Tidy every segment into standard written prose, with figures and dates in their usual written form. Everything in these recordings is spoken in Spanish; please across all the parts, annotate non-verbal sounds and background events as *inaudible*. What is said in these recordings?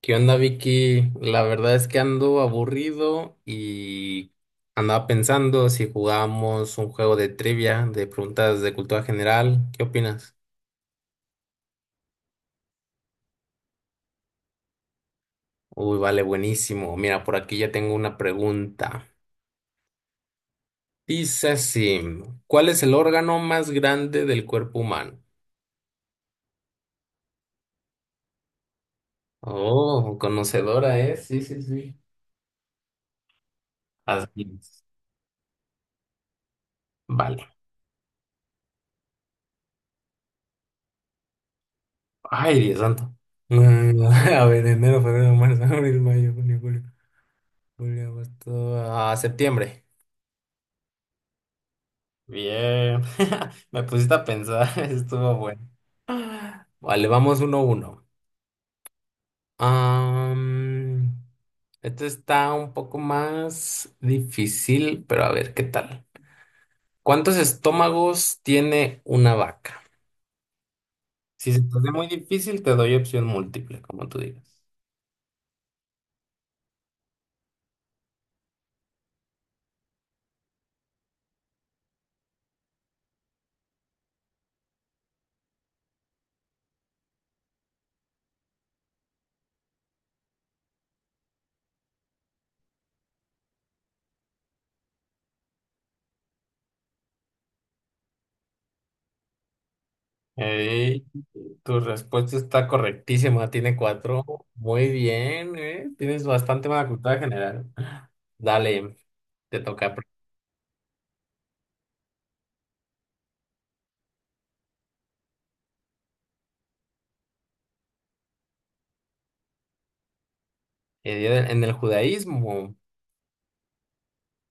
¿Qué onda, Vicky? La verdad es que ando aburrido y andaba pensando si jugábamos un juego de trivia, de preguntas de cultura general. ¿Qué opinas? Uy, vale, buenísimo. Mira, por aquí ya tengo una pregunta. Dice así, ¿cuál es el órgano más grande del cuerpo humano? Oh, conocedora, ¿eh? Sí, sí, sí. Así es. Vale. Ay, Dios santo. *laughs* A ver, enero, febrero, marzo, abril, mayo, junio, julio. Julio, agosto, a septiembre. Bien, *laughs* me pusiste a pensar, *laughs* estuvo bueno. Vale, vamos uno a uno. Am, esto está un poco más difícil, pero a ver qué tal. ¿Cuántos estómagos tiene una vaca? Si se te hace muy difícil, te doy opción múltiple, como tú digas. Ey, tu respuesta está correctísima, tiene cuatro. Muy bien, ¿eh? Tienes bastante buena cultura general. Dale, te toca. En el judaísmo,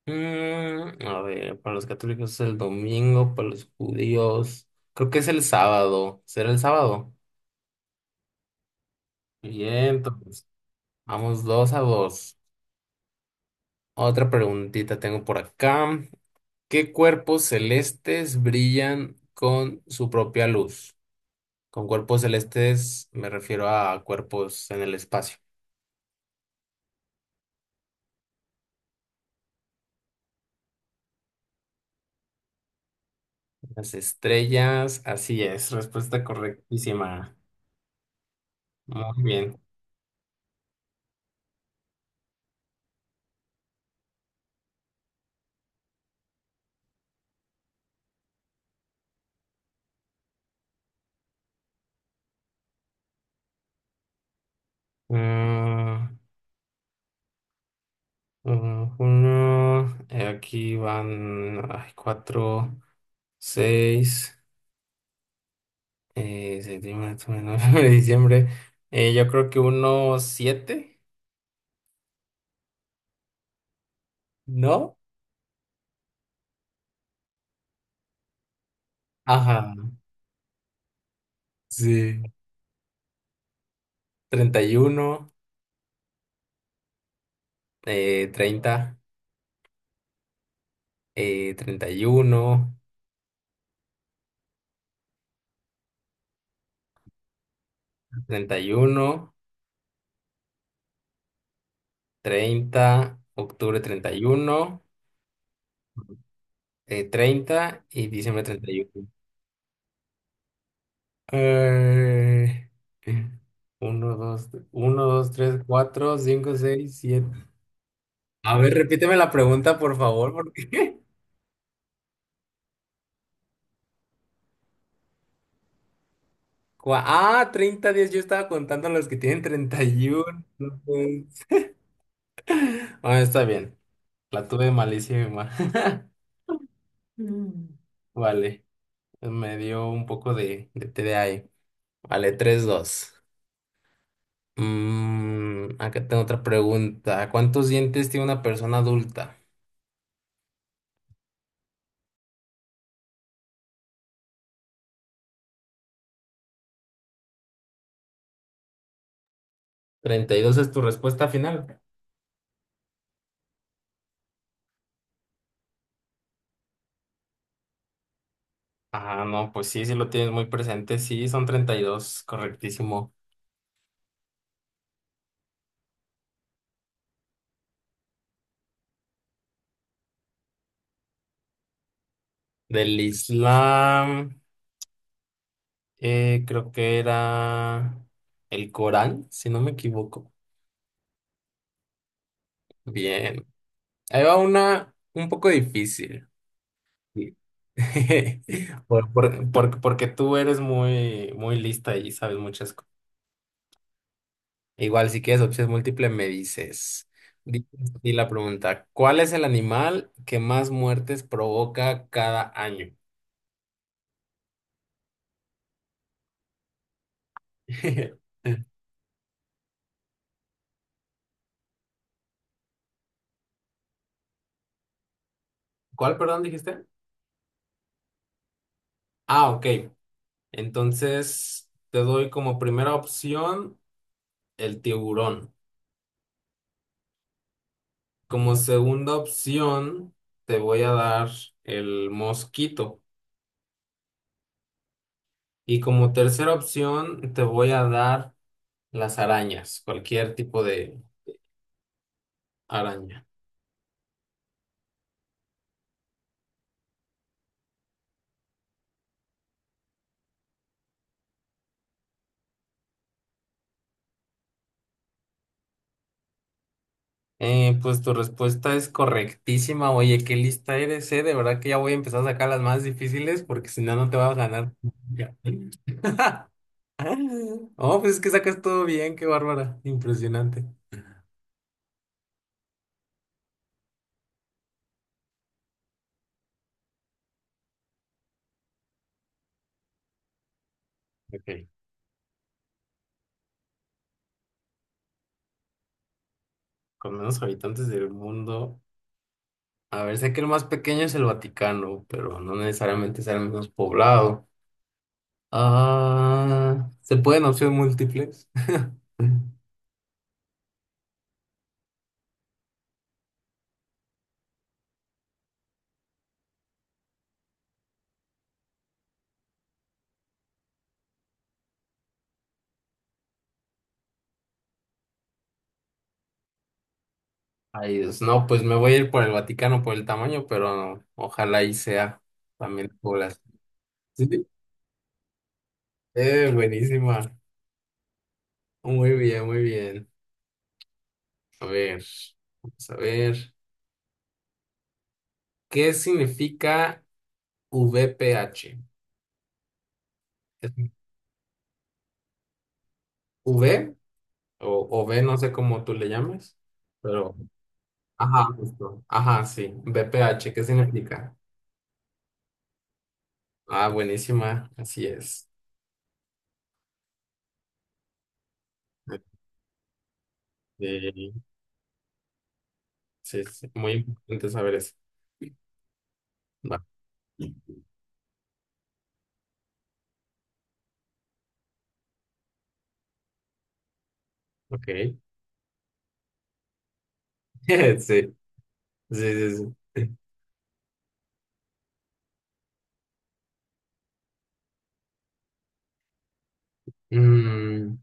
a ver, para los católicos es el domingo, para los judíos, creo que es el sábado. ¿Será el sábado? Bien, entonces, vamos dos a dos. Otra preguntita tengo por acá. ¿Qué cuerpos celestes brillan con su propia luz? Con cuerpos celestes me refiero a cuerpos en el espacio. Las estrellas, así es, respuesta correctísima. Muy bien. Mm, uno, aquí van ay, cuatro, seis, septiembre, octubre, noviembre, *laughs* diciembre. Yo creo que uno, siete, ¿no? Ajá, sí. 31, 30, 31, 31, 30 octubre 31, 30 y diciembre 31. Eh, *laughs* uno dos uno dos tres cuatro cinco seis siete. A ver, repíteme la pregunta, por favor, porque... *laughs* Ah, 30 días, yo estaba contando los que tienen 31. No puede ser. Bueno, *laughs* está bien, la tuve malísima. *laughs* Mm. Vale, me dio un poco de TDAH. Vale, 3 dos. Mm, acá tengo otra pregunta. ¿Cuántos dientes tiene una persona adulta? ¿32 es tu respuesta final? Ah, no, pues sí, sí lo tienes muy presente. Sí, son 32, correctísimo. Del Islam, creo que era el Corán, si no me equivoco. Bien. Ahí va una un poco difícil. Sí. *laughs* Porque tú eres muy, muy lista y sabes muchas. Igual, si quieres opción múltiple me dices. Dice así la pregunta, ¿cuál es el animal que más muertes provoca cada año? *laughs* ¿Cuál, perdón, dijiste? Ah, ok. Entonces, te doy como primera opción el tiburón. Como segunda opción, te voy a dar el mosquito. Y como tercera opción, te voy a dar las arañas, cualquier tipo de araña. Pues tu respuesta es correctísima. Oye, qué lista eres, eh. De verdad que ya voy a empezar a sacar las más difíciles porque si no, no te vas a ganar. Ya. *laughs* Oh, pues es que sacas todo bien, qué bárbara. Impresionante. Ok. Con menos habitantes del mundo. A ver, sé que el más pequeño es el Vaticano, pero no necesariamente será el menos poblado. Ah, ¿se pueden opciones múltiples? Ay, Dios, no, pues me voy a ir por el Vaticano por el tamaño, pero ojalá y sea también población. Sí. Buenísima. Muy bien, muy bien. A ver, vamos a ver. ¿Qué significa VPH? ¿Es ¿V o V? No sé cómo tú le llames, pero... Ajá, justo. Ajá, sí. VPH, ¿qué significa? Ah, buenísima. Así es. Sí, sí, sí. Muy importante saber eso. Va, ok. *laughs* Sí, sí, sí, sí. Mm,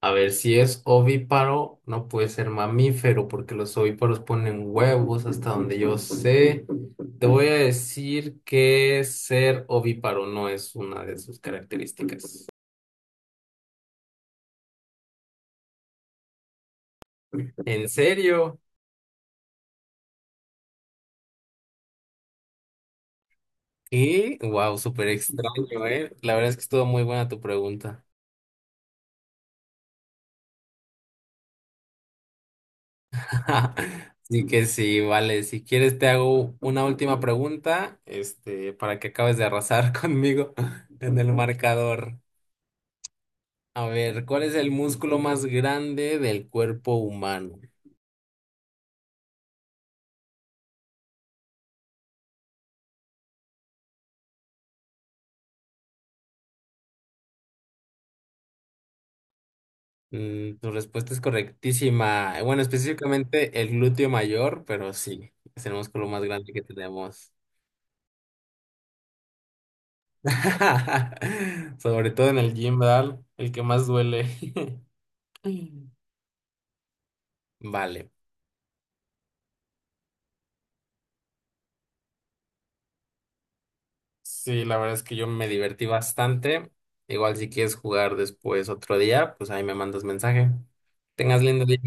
a ver, si es ovíparo, no puede ser mamífero, porque los ovíparos ponen huevos hasta donde yo sé. Te voy a decir que ser ovíparo no es una de sus características. ¿En serio? ¡Y wow, súper extraño, ¿eh? La verdad es que estuvo muy buena tu pregunta. *laughs* Así que sí, vale. Si quieres, te hago una última pregunta, este, para que acabes de arrasar *laughs* conmigo en el marcador. A ver, ¿cuál es el músculo más grande del cuerpo humano? Tu respuesta es correctísima. Bueno, específicamente el glúteo mayor, pero sí, es el músculo más grande que tenemos. *laughs* Sobre todo en el gym, ¿verdad? El que más duele. *laughs* Vale. Sí, la verdad es que yo me divertí bastante. Igual si quieres jugar después otro día, pues ahí me mandas mensaje. Tengas lindo día.